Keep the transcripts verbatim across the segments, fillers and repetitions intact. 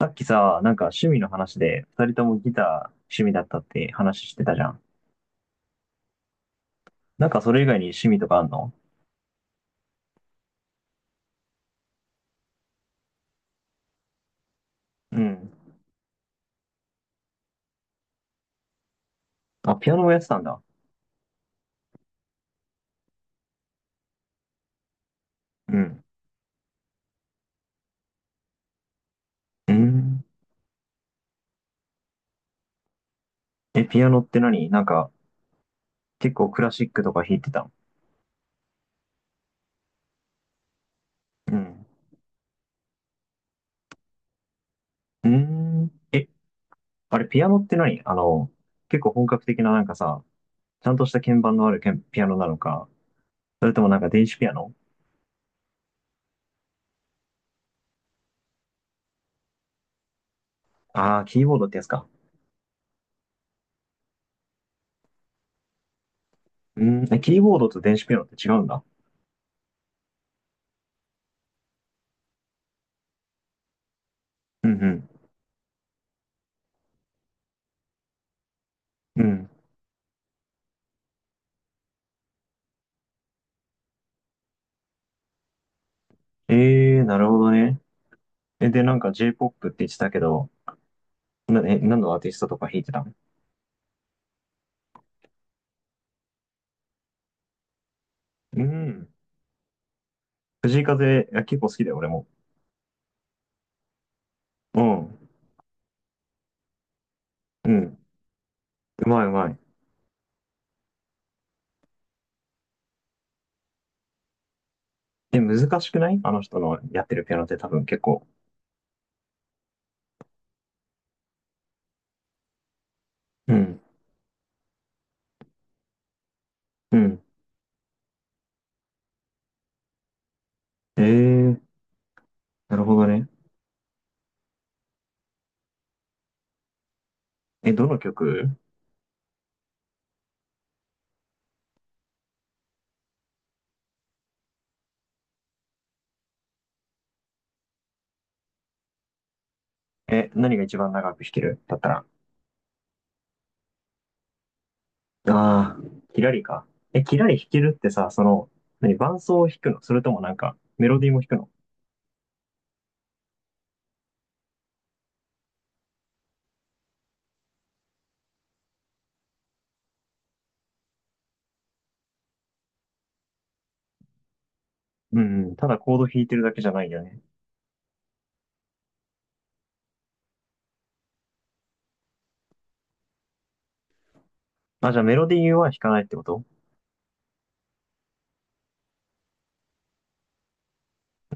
さっきさ、なんか趣味の話で、二人ともギター趣味だったって話してたじゃん。なんかそれ以外に趣味とかあんの？うん。あ、ピアノもやってたんだ。うん。うん。え、ピアノって何なんか、結構クラシックとか弾いてたの？うん。うん。え、あれ、ピアノって何あの、結構本格的ななんかさ、ちゃんとした鍵盤のあるけんピアノなのか、それともなんか電子ピアノ？ああー、キーボードってやつか。うん。え、キーボードと電子ピアノって違うんだ。うんうん。うん。えー、なるほどね。え、で、なんか J-ジェイポップ って言ってたけど、な、え、何のアーティストとか弾いてたの？うん。藤井風、いや、結構好きだよ、俺も。うん。うん。うまいうまい。え、難しくないあの人のやってるピアノって多分結構。うん。うん。えー、なるほどね。え、どの曲？え、何が一番長く弾けるだったら。ああ、キラリか。え、キラリ弾けるってさ、その、何、伴奏を弾くのそれともなんか、メロディーも弾くの？うんうん。ただコード弾いてるだけじゃないよね。あ、じゃあメロディーは弾かないってこと？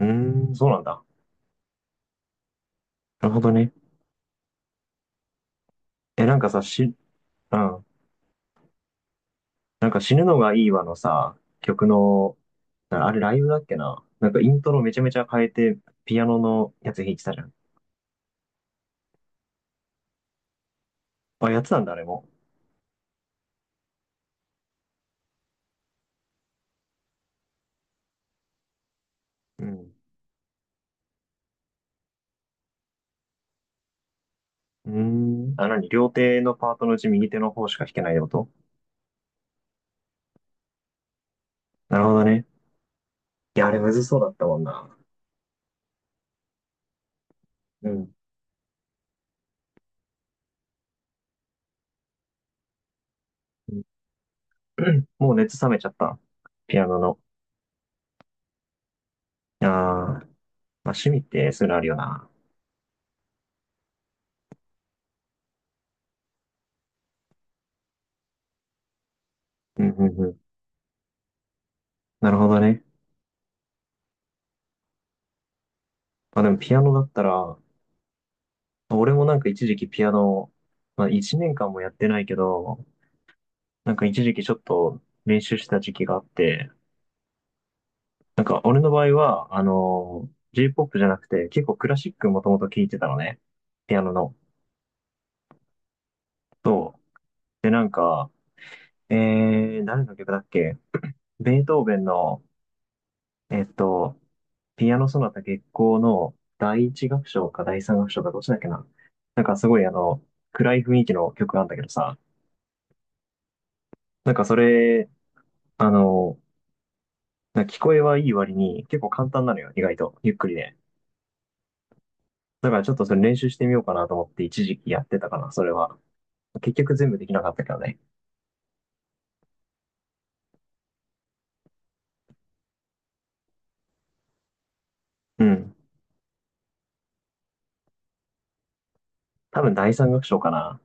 うーん、そうなんだ。なるほどね。え、なんかさ、し、うん。なんか死ぬのがいいわのさ、曲の、なあれライブだっけな。なんかイントロめちゃめちゃ変えて、ピアノのやつ弾いてたじゃん。あ、やつなんだ、あれも。うん。うーん。あ、なに、両手のパートのうち右手の方しか弾けないってこと？なるほどね。いや、あれむずそうだったもんな。うん。うん。 もう熱冷めちゃった。ピアノの。あー、まあ、趣味ってそういうのあるよな。うん、うん、うん。なるほどね。まあでもピアノだったら、俺もなんか一時期ピアノ、まあ一年間もやってないけど、なんか一時期ちょっと練習してた時期があって、なんか俺の場合は、あの、J-ジェイポップ じゃなくて結構クラシックもともと聴いてたのね。ピアノの。そう。で、なんか、えー、誰の曲だっけ？ベートーベンの、えっと、ピアノソナタ月光の第一楽章か第三楽章かどっちだっけな。なんかすごいあの、暗い雰囲気の曲なんだけどさ、なんかそれ、あの、なんか聞こえはいい割に結構簡単なのよ、意外と。ゆっくりで。だからちょっとそれ練習してみようかなと思って一時期やってたかな、それは。結局全部できなかったけどね。うん。多分第三楽章かな。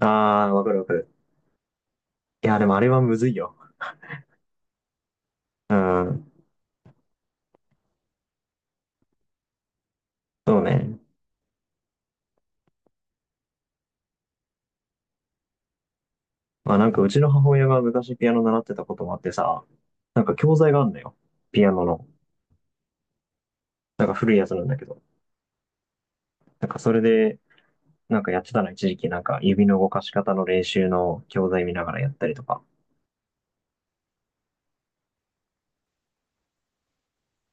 あー、わかるわかる。いや、でもあれはむずいよ。うん。そうね。まあなんかうちの母親が昔ピアノ習ってたこともあってさ、なんか教材があるんだよ。ピアノの。なんか古いやつなんだけど。なんかそれで、なんかやってたの一時期なんか指の動かし方の練習の教材見ながらやったりとか。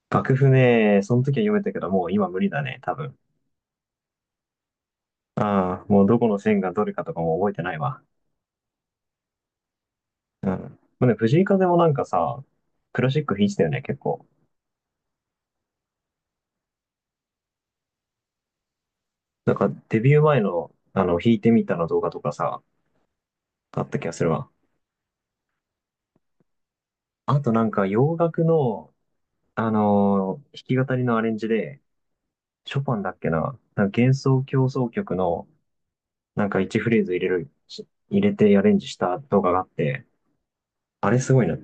楽譜ね、その時は読めたけど、もう今無理だね、多分。ああ、もうどこの線がどれかとかも覚えてないわ。うん。まあね、藤井風もなんかさ、クラシック弾いてたよね、結構。なんかデビュー前の、あの、弾いてみたの動画とかさ、あった気がするわ。あとなんか洋楽の、あのー弾き語りのアレンジで、ショパンだっけな、なんか幻想協奏曲の、なんかいちフレーズ入れる、し入れてアレンジした動画があって、あれすごいな。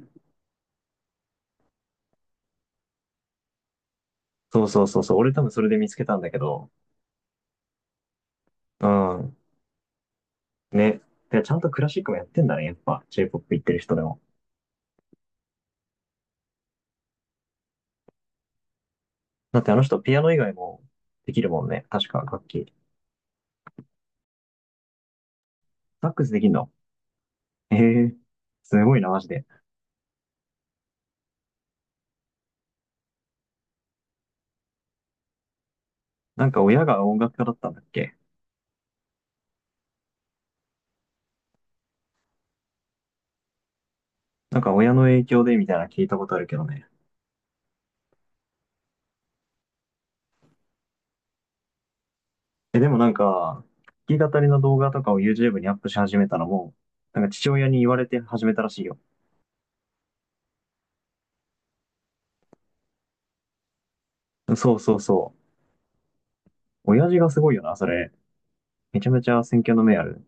そうそうそうそう、俺多分それで見つけたんだけど、うん、ね。で、ちゃんとクラシックもやってんだね、やっぱ J-ジェイポップ 行ってる人でも。だってあの人ピアノ以外もできるもんね、確か楽器。サックスできんの？ええ、すごいな、マジで。なんか親が音楽家だったんだっけ？なんか親の影響でみたいな聞いたことあるけどね。え、でもなんか、弾き語りの動画とかを ユーチューブ にアップし始めたのも、なんか父親に言われて始めたらしいよ。そうそうそう。親父がすごいよな、それ。めちゃめちゃ選挙の目ある。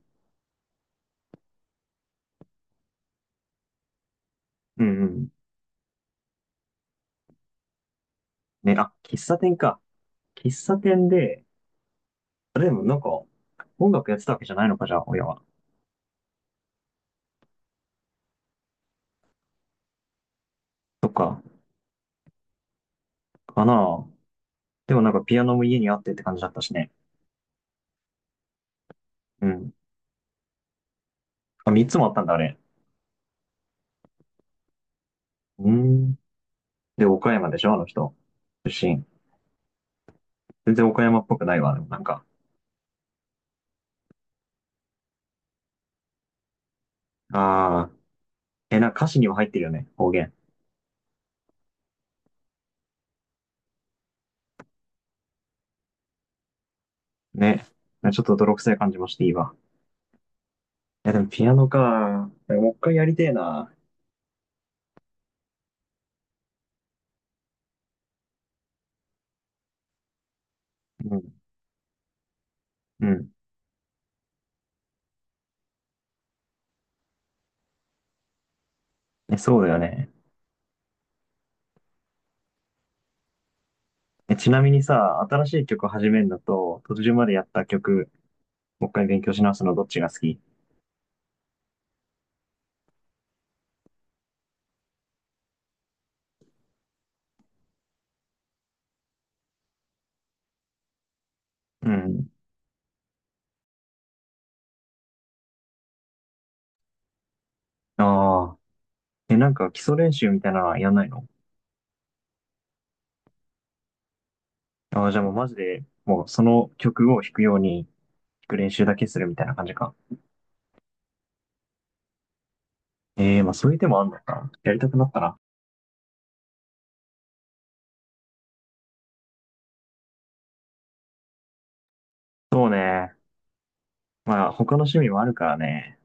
うんうん。ね、あ、喫茶店か。喫茶店で、あでもなんか、音楽やってたわけじゃないのか、じゃあ、親は。そっか、かな。でもなんかピアノも家にあってって感じだったしね。うん。あ、三つもあったんだ、あれ。うん。で、岡山でしょ、あの人。出身。全然岡山っぽくないわ、でもなんか。ああ。え、なんか歌詞には入ってるよね、方言。ね。ちょっと泥臭い感じもしていいわ。いや、でもピアノか。もう一回やりてえな。うんうん。え、そうだよね。え、ちなみにさ、新しい曲始めるのと、途中までやった曲、もう一回勉強し直すのどっちが好き？うん。ああ。え、なんか基礎練習みたいなのはやんないの？ああじゃあもうマジで、もうその曲を弾くように、弾く練習だけするみたいな感じか。ええまあそういう手もあんのか。やりたくなったな。そうね。まあ他の趣味もあるからね。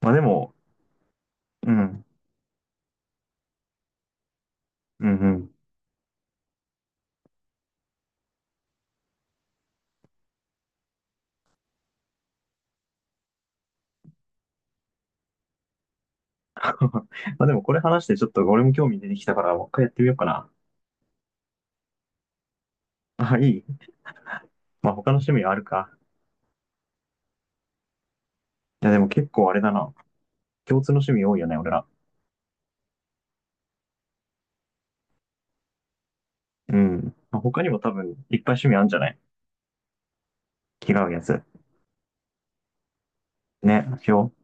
まあでも、うん。うんうん。まあでもこれ話してちょっと俺も興味出てきたから、もう一回やってみようかな。あ、いい。まあ他の趣味はあるか。や、でも結構あれだな。共通の趣味多いよね、俺ら。うん。まあ他にも多分、いっぱい趣味あるんじゃない？気が合うやつ。ね、し